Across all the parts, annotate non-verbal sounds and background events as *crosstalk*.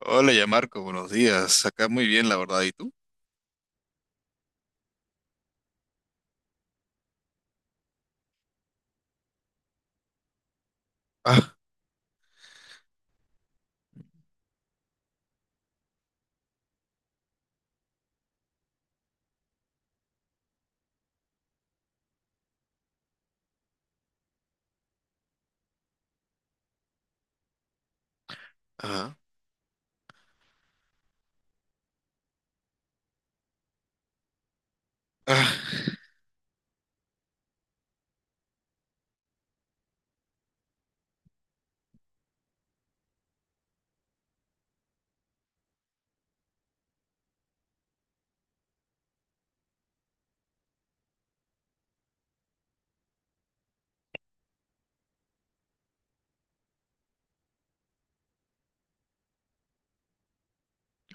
Hola, ya Marco, buenos días. Acá muy bien, la verdad. ¿Y tú? Ah, ajá. Ah,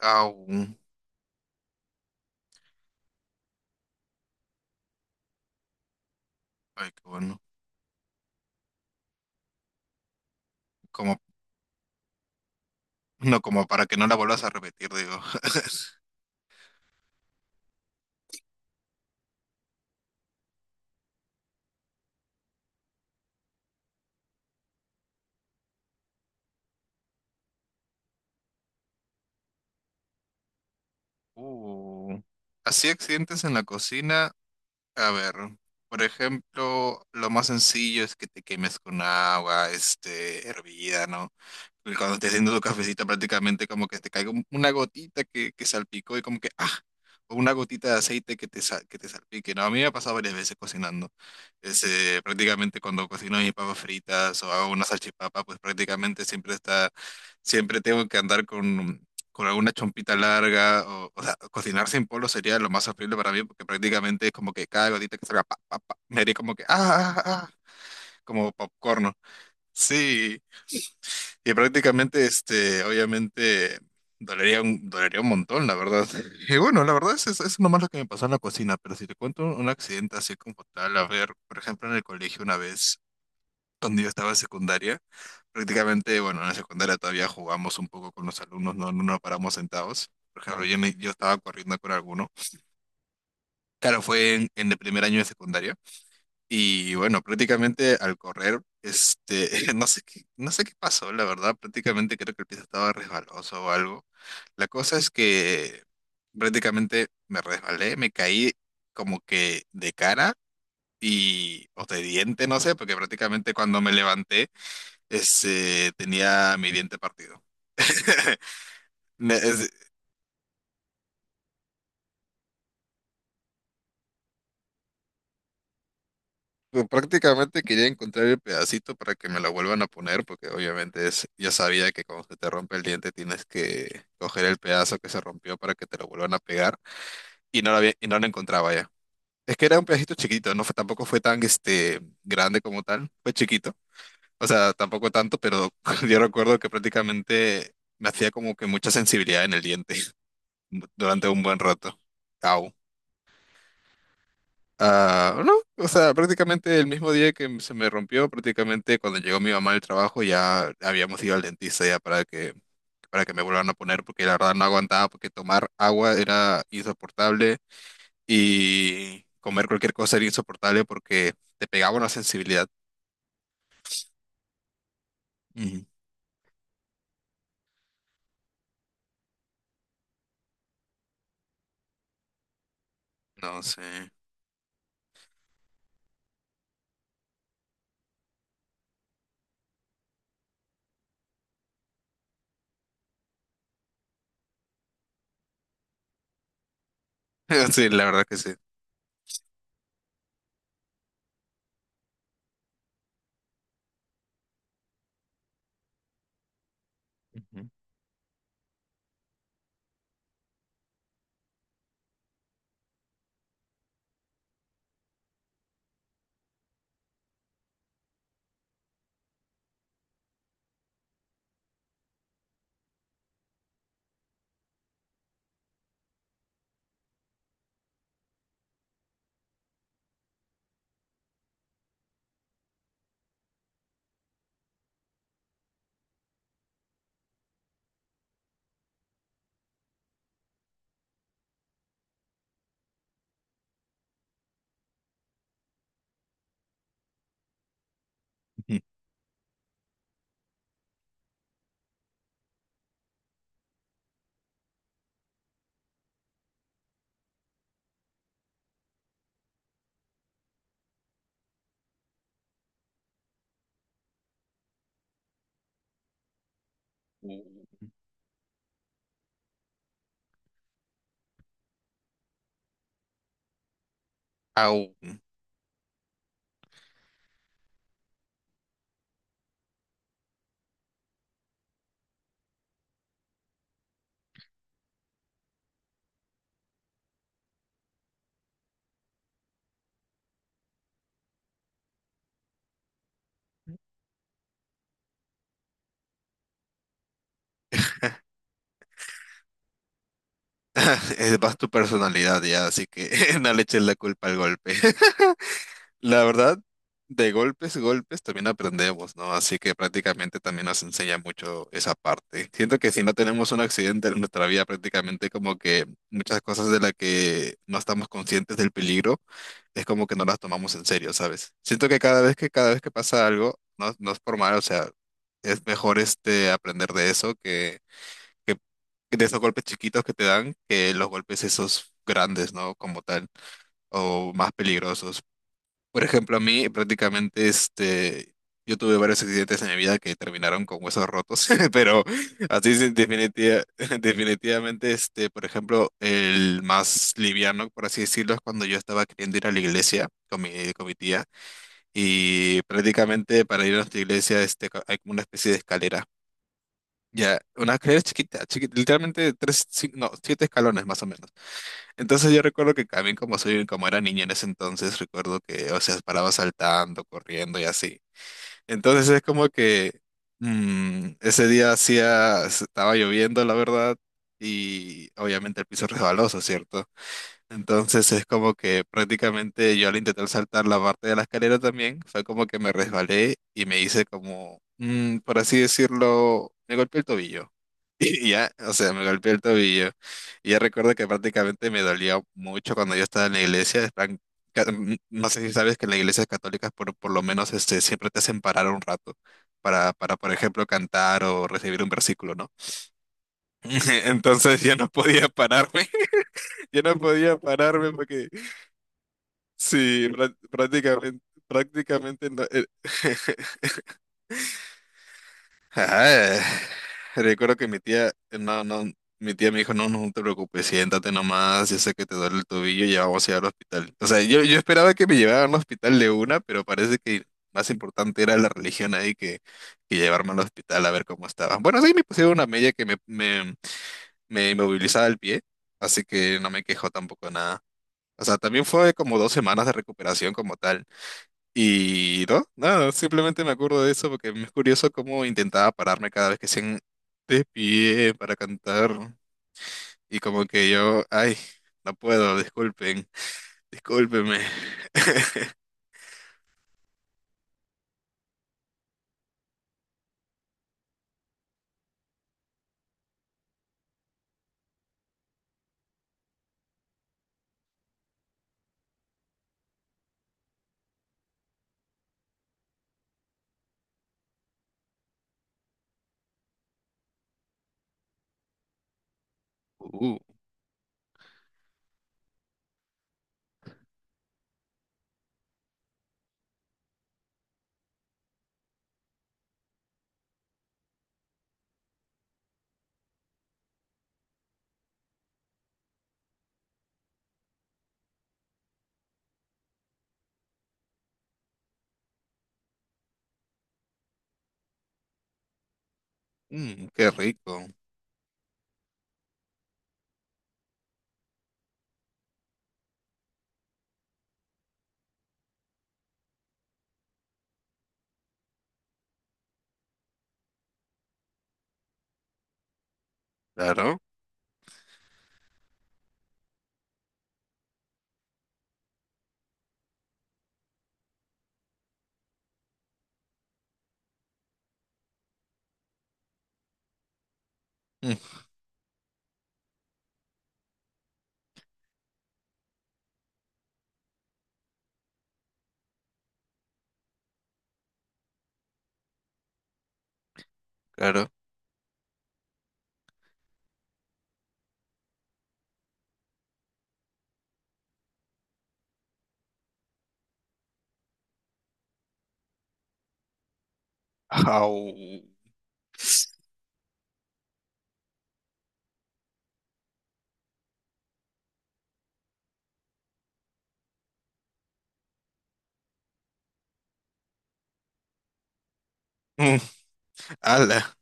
au. Ay, qué bueno. Como, no, como para que no la vuelvas a repetir, digo. *laughs* Uh. Así accidentes en la cocina. A ver, por ejemplo, lo más sencillo es que te quemes con agua, este, hervida, ¿no? Y cuando estés haciendo tu cafecito, prácticamente como que te caiga una gotita que salpicó y como que, ah, o una gotita de aceite que te salpique, ¿no? A mí me ha pasado varias veces cocinando. Este, prácticamente cuando cocino mis papas fritas o hago una salchipapa, pues prácticamente siempre está, siempre tengo que andar con alguna chompita larga, o sea, cocinar sin polo sería lo más horrible para mí, porque prácticamente es como que cada gotita que salga, pa, pa, pa, me haría como que, ah, ah, ah, ah", como popcorn, ¿no? Sí, y prácticamente, este, obviamente, dolería un montón, la verdad. Y bueno, la verdad es nomás lo que me pasó en la cocina, pero si te cuento un accidente así como tal, a ver, por ejemplo, en el colegio una vez cuando yo estaba en secundaria, prácticamente, bueno, en la secundaria todavía jugamos un poco con los alumnos, no nos paramos sentados. Por ejemplo, claro, yo estaba corriendo con alguno. Claro, fue en el primer año de secundaria. Y bueno, prácticamente al correr, este, *laughs* no sé qué pasó, la verdad. Prácticamente creo que el piso estaba resbaloso o algo. La cosa es que prácticamente me resbalé, me caí como que de cara y, o de diente, no sé, porque prácticamente cuando me levanté, este, tenía mi diente partido. *laughs* Me- es- Prácticamente quería encontrar el pedacito para que me lo vuelvan a poner, porque obviamente ya sabía que cuando se te rompe el diente tienes que coger el pedazo que se rompió para que te lo vuelvan a pegar, y y no lo encontraba ya. Es que era un pedacito chiquito, tampoco fue tan este, grande como tal, fue chiquito. O sea, tampoco tanto, pero *laughs* yo recuerdo que prácticamente me hacía como que mucha sensibilidad en el diente *laughs* durante un buen rato. Au. Ah, no, o sea, prácticamente el mismo día que se me rompió, prácticamente cuando llegó mi mamá del trabajo ya habíamos ido al dentista ya para que me vuelvan a poner porque la verdad no aguantaba porque tomar agua era insoportable y comer cualquier cosa era insoportable porque te pegaba una sensibilidad. Ujú. No sé. *laughs* Sí, la verdad que sí. Ujú, ujú. Au. *laughs* Es más tu personalidad ya, así que *laughs* no le eches la culpa al golpe. La verdad, de golpes, golpes también aprendemos, ¿no? Así que prácticamente también nos enseña mucho esa parte. Siento que si no tenemos un accidente en nuestra vida, prácticamente como que muchas cosas de las que no estamos conscientes del peligro, es como que no las tomamos en serio, ¿sabes? Siento que cada vez que pasa algo, no, no es por mal, o sea, es mejor este aprender de eso que de esos golpes chiquitos que te dan que los golpes esos grandes, ¿no? Como tal, o más peligrosos. Por ejemplo, a mí prácticamente este, yo tuve varios accidentes en mi vida que terminaron con huesos rotos, *laughs* pero así es *laughs* definitivamente, este, por ejemplo, el más liviano, por así decirlo, es cuando yo estaba queriendo ir a la iglesia con mi tía y prácticamente para ir a nuestra iglesia este, hay como una especie de escalera. Ya, una escalera chiquita, chiquita, literalmente tres, no, siete escalones más o menos. Entonces yo recuerdo que también como soy, como era niña en ese entonces, recuerdo que, o sea, paraba saltando, corriendo y así. Entonces es como que ese día estaba lloviendo, la verdad, y obviamente el piso resbaloso, ¿cierto? Entonces es como que prácticamente yo al intentar saltar la parte de la escalera también, fue como que me resbalé y me hice como, por así decirlo, me golpeé el tobillo. *laughs* Y ya, o sea, me golpeé el tobillo. Y ya recuerdo que prácticamente me dolía mucho cuando yo estaba en la iglesia, en plan, no sé si sabes que en las iglesias católicas por lo menos este, siempre te hacen parar un rato para, por ejemplo, cantar o recibir un versículo, ¿no? *laughs* Entonces ya no podía pararme. *laughs* Yo no podía pararme porque sí, prácticamente, prácticamente. *laughs* Ajá, recuerdo que mi tía, no, no, mi tía me dijo, no, no te preocupes, siéntate nomás, ya sé que te duele el tobillo, ya vamos a ir al hospital. O sea, yo esperaba que me llevaran al hospital de una, pero parece que más importante era la religión ahí que llevarme al hospital a ver cómo estaba. Bueno, sí, me pusieron una media que me inmovilizaba el pie, así que no me quejó tampoco nada. O sea, también fue como 2 semanas de recuperación como tal. Y no, nada, simplemente me acuerdo de eso porque es curioso cómo intentaba pararme cada vez que se de pie para cantar. Y como que yo, ay, no puedo, disculpen, discúlpenme. Uh, Qué rico. Claro, mm, claro. Au. Mm, Ala,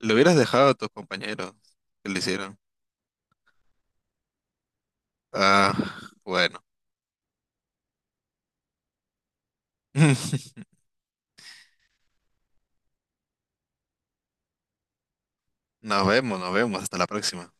lo hubieras dejado a tus compañeros que lo hicieron. Ah, bueno. *laughs* Nos vemos, hasta la próxima.